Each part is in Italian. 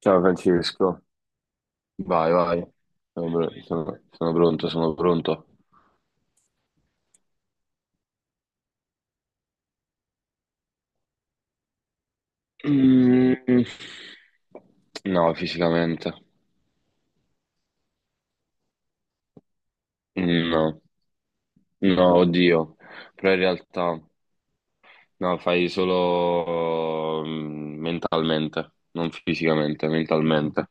Ciao, Francesco. Vai, vai. Sono pronto, sono pronto. Mm, no, fisicamente. No, no, oddio, però in realtà no, fai solo mentalmente, non fisicamente, mentalmente.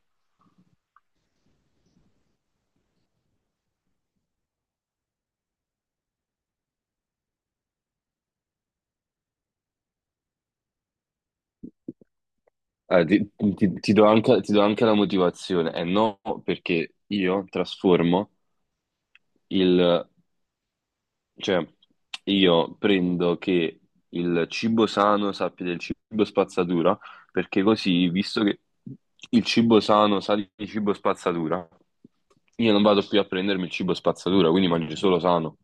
Ti do anche la motivazione, e no perché io trasformo. Cioè, io prendo che il cibo sano sappia del cibo spazzatura, perché così, visto che il cibo sano sa di cibo spazzatura, io non vado più a prendermi il cibo spazzatura, quindi mangio solo sano.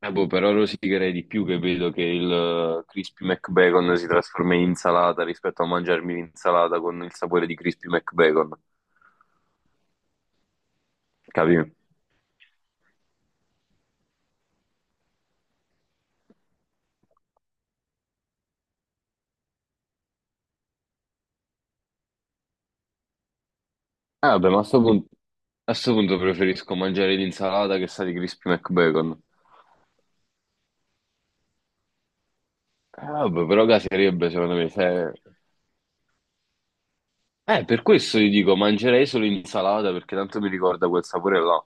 Boh, però rosicherei di più che vedo che il Crispy McBacon si trasforma in insalata rispetto a mangiarmi l'insalata con il sapore di Crispy McBacon, capito? Ah, vabbè, ma a sto punto preferisco mangiare l'insalata che sa di Crispy McBacon. Ah, vabbè, però caserebbe secondo me. Per questo gli dico, mangerei solo insalata perché tanto mi ricorda quel sapore là.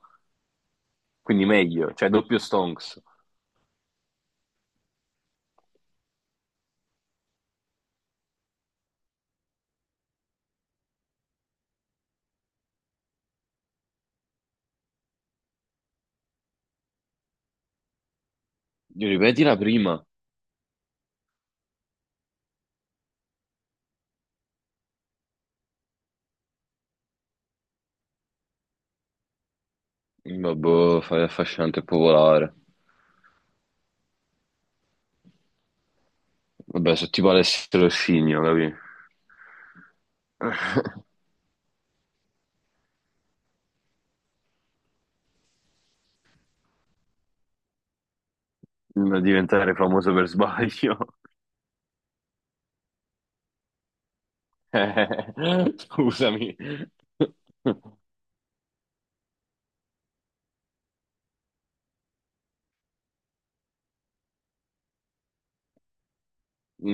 Quindi meglio, cioè doppio stonks. Io Ripeti la prima. Vabbè, fai affascinante e popolare. Vabbè, sono tipo Alessio Scigno, capì? Non diventare famoso per sbaglio. Scusami.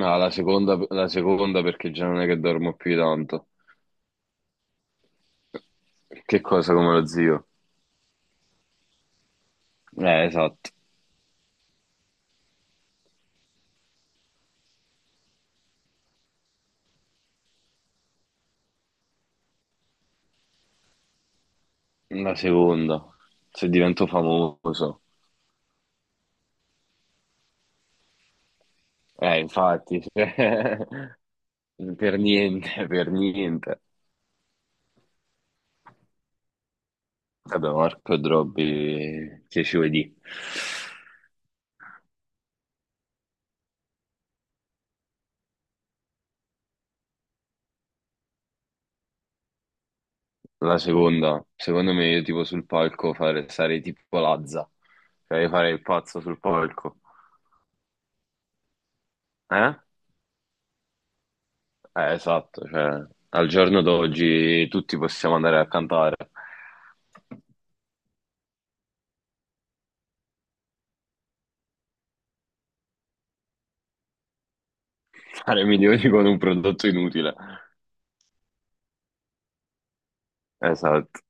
No, la seconda perché già non è che dormo più di tanto. Che cosa come lo zio? Esatto. La seconda, se divento famoso. Infatti. Per niente, per niente. Vabbè, Marco e Drobby, che ci vuoi dire? La seconda, secondo me io tipo sul palco fare, sarei tipo Lazza, cioè io farei il pazzo sul palco. Eh? Esatto, cioè al giorno d'oggi tutti possiamo andare a cantare, fare milioni con un prodotto inutile. Esatto.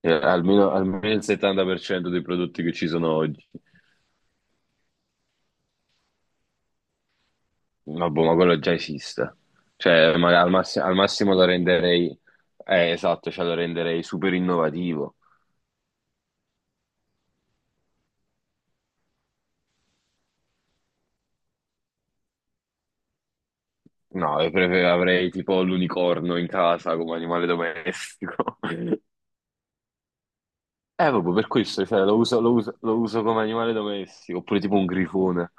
Almeno il 70% dei prodotti che ci sono oggi. Ma boh, ma quello già esiste. Cioè, al massimo lo renderei, esatto, cioè lo renderei super innovativo. No, avrei tipo l'unicorno in casa come animale domestico. Proprio per questo, cioè, lo uso come animale domestico, oppure tipo un grifone.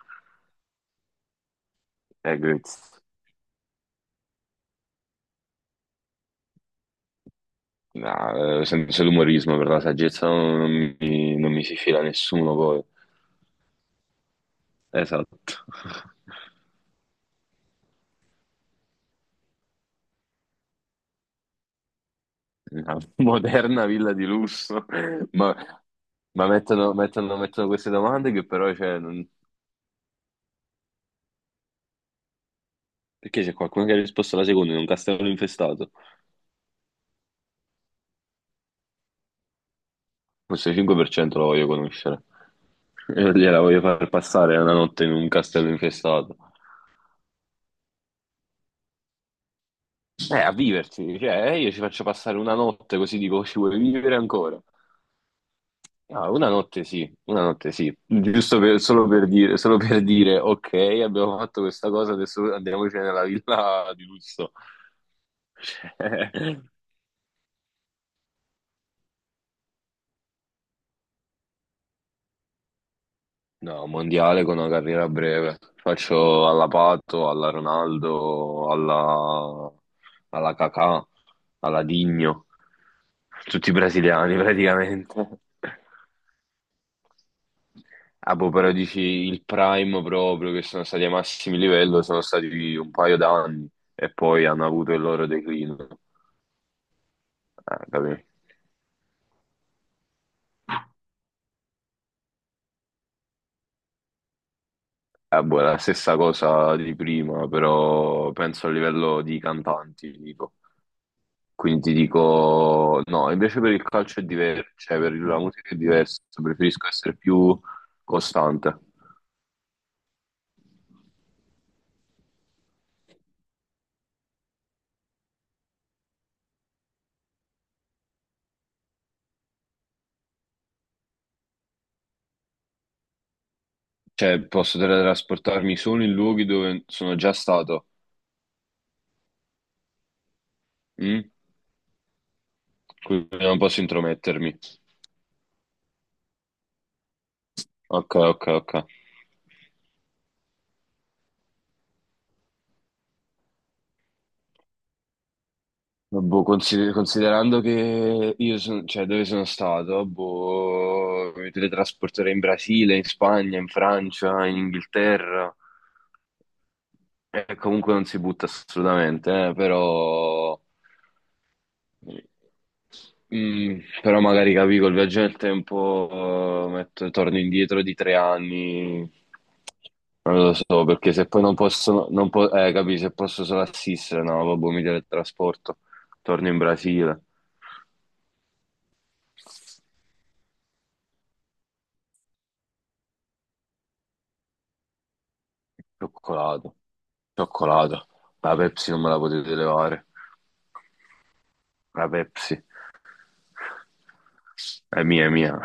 Grazie. No, senza l'umorismo, per la saggezza non mi si fila nessuno poi. Esatto. Una moderna villa di lusso, ma, ma mettono queste domande che però cioè. Perché c'è qualcuno che ha risposto alla seconda in un castello infestato? Questo 5% lo voglio conoscere. Io gliela voglio far passare una notte in un castello infestato. A viverci, cioè io ci faccio passare una notte così dico ci vuoi vivere ancora? Ah, una notte sì, solo per dire, ok, abbiamo fatto questa cosa, adesso andiamoci nella villa di lusso. No, mondiale con una carriera breve. Faccio alla Pato, alla Ronaldo, alla Kakà, alla Digno, tutti brasiliani praticamente. Ah, boh, però dici il prime proprio, che sono stati ai massimi livello, sono stati un paio d'anni e poi hanno avuto il loro declino. Ah, capì? Ah, boh, è la stessa cosa di prima, però penso a livello di cantanti, ti dico. Quindi ti dico, no, invece per il calcio è diverso, cioè per la musica è diverso, preferisco essere più costante. Cioè, posso teletrasportarmi solo in luoghi dove sono già stato, mm? Quindi non posso intromettermi. Ok, ok, ok. Boh, considerando che io sono, cioè dove sono stato, boh, mi teletrasporterei in Brasile, in Spagna, in Francia, in Inghilterra. Comunque non si butta assolutamente, però. Però magari capi col viaggio nel tempo, torno indietro di 3 anni, non lo so, perché se poi non posso, non po- capi, se posso solo assistere, no, vabbè, mi teletrasporto, torno in Brasile, cioccolato, cioccolato, la Pepsi non me la potete levare, la Pepsi è mia, è mia.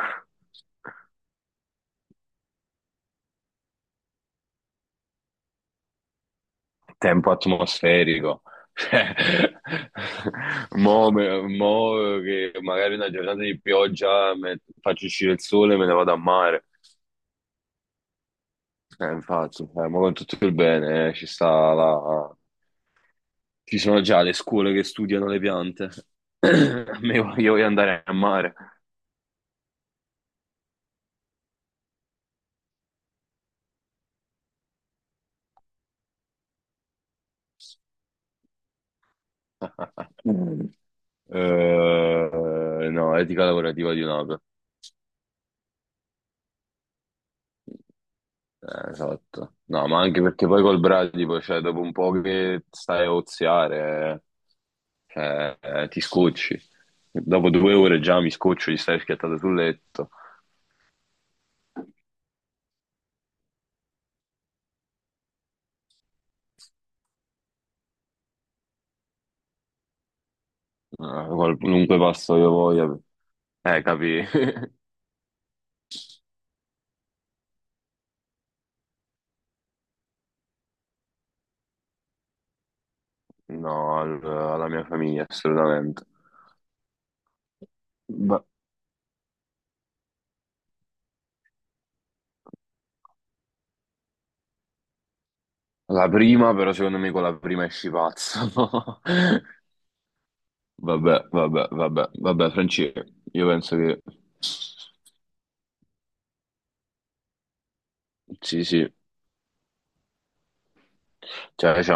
Tempo atmosferico. Cioè, Mo che magari una giornata di pioggia faccio uscire il sole e me ne vado a mare. Infatti, ma con tutto il bene, ci sta la... Ci sono già le scuole che studiano le piante. A me io voglio andare a mare. No, etica lavorativa di un'ape. Esatto. No, ma anche perché poi col Bradipo, cioè, dopo un po' che stai a oziare, cioè, ti scocci. Dopo 2 ore già mi scoccio, gli stai schiattato sul letto. Qualunque passo io voglia. Capi? No, alla mia famiglia, assolutamente. Ma- la prima, però, secondo me con la prima esci pazzo. Vabbè, vabbè, vabbè, vabbè, Franci, io penso che... Sì, sì. Cioè,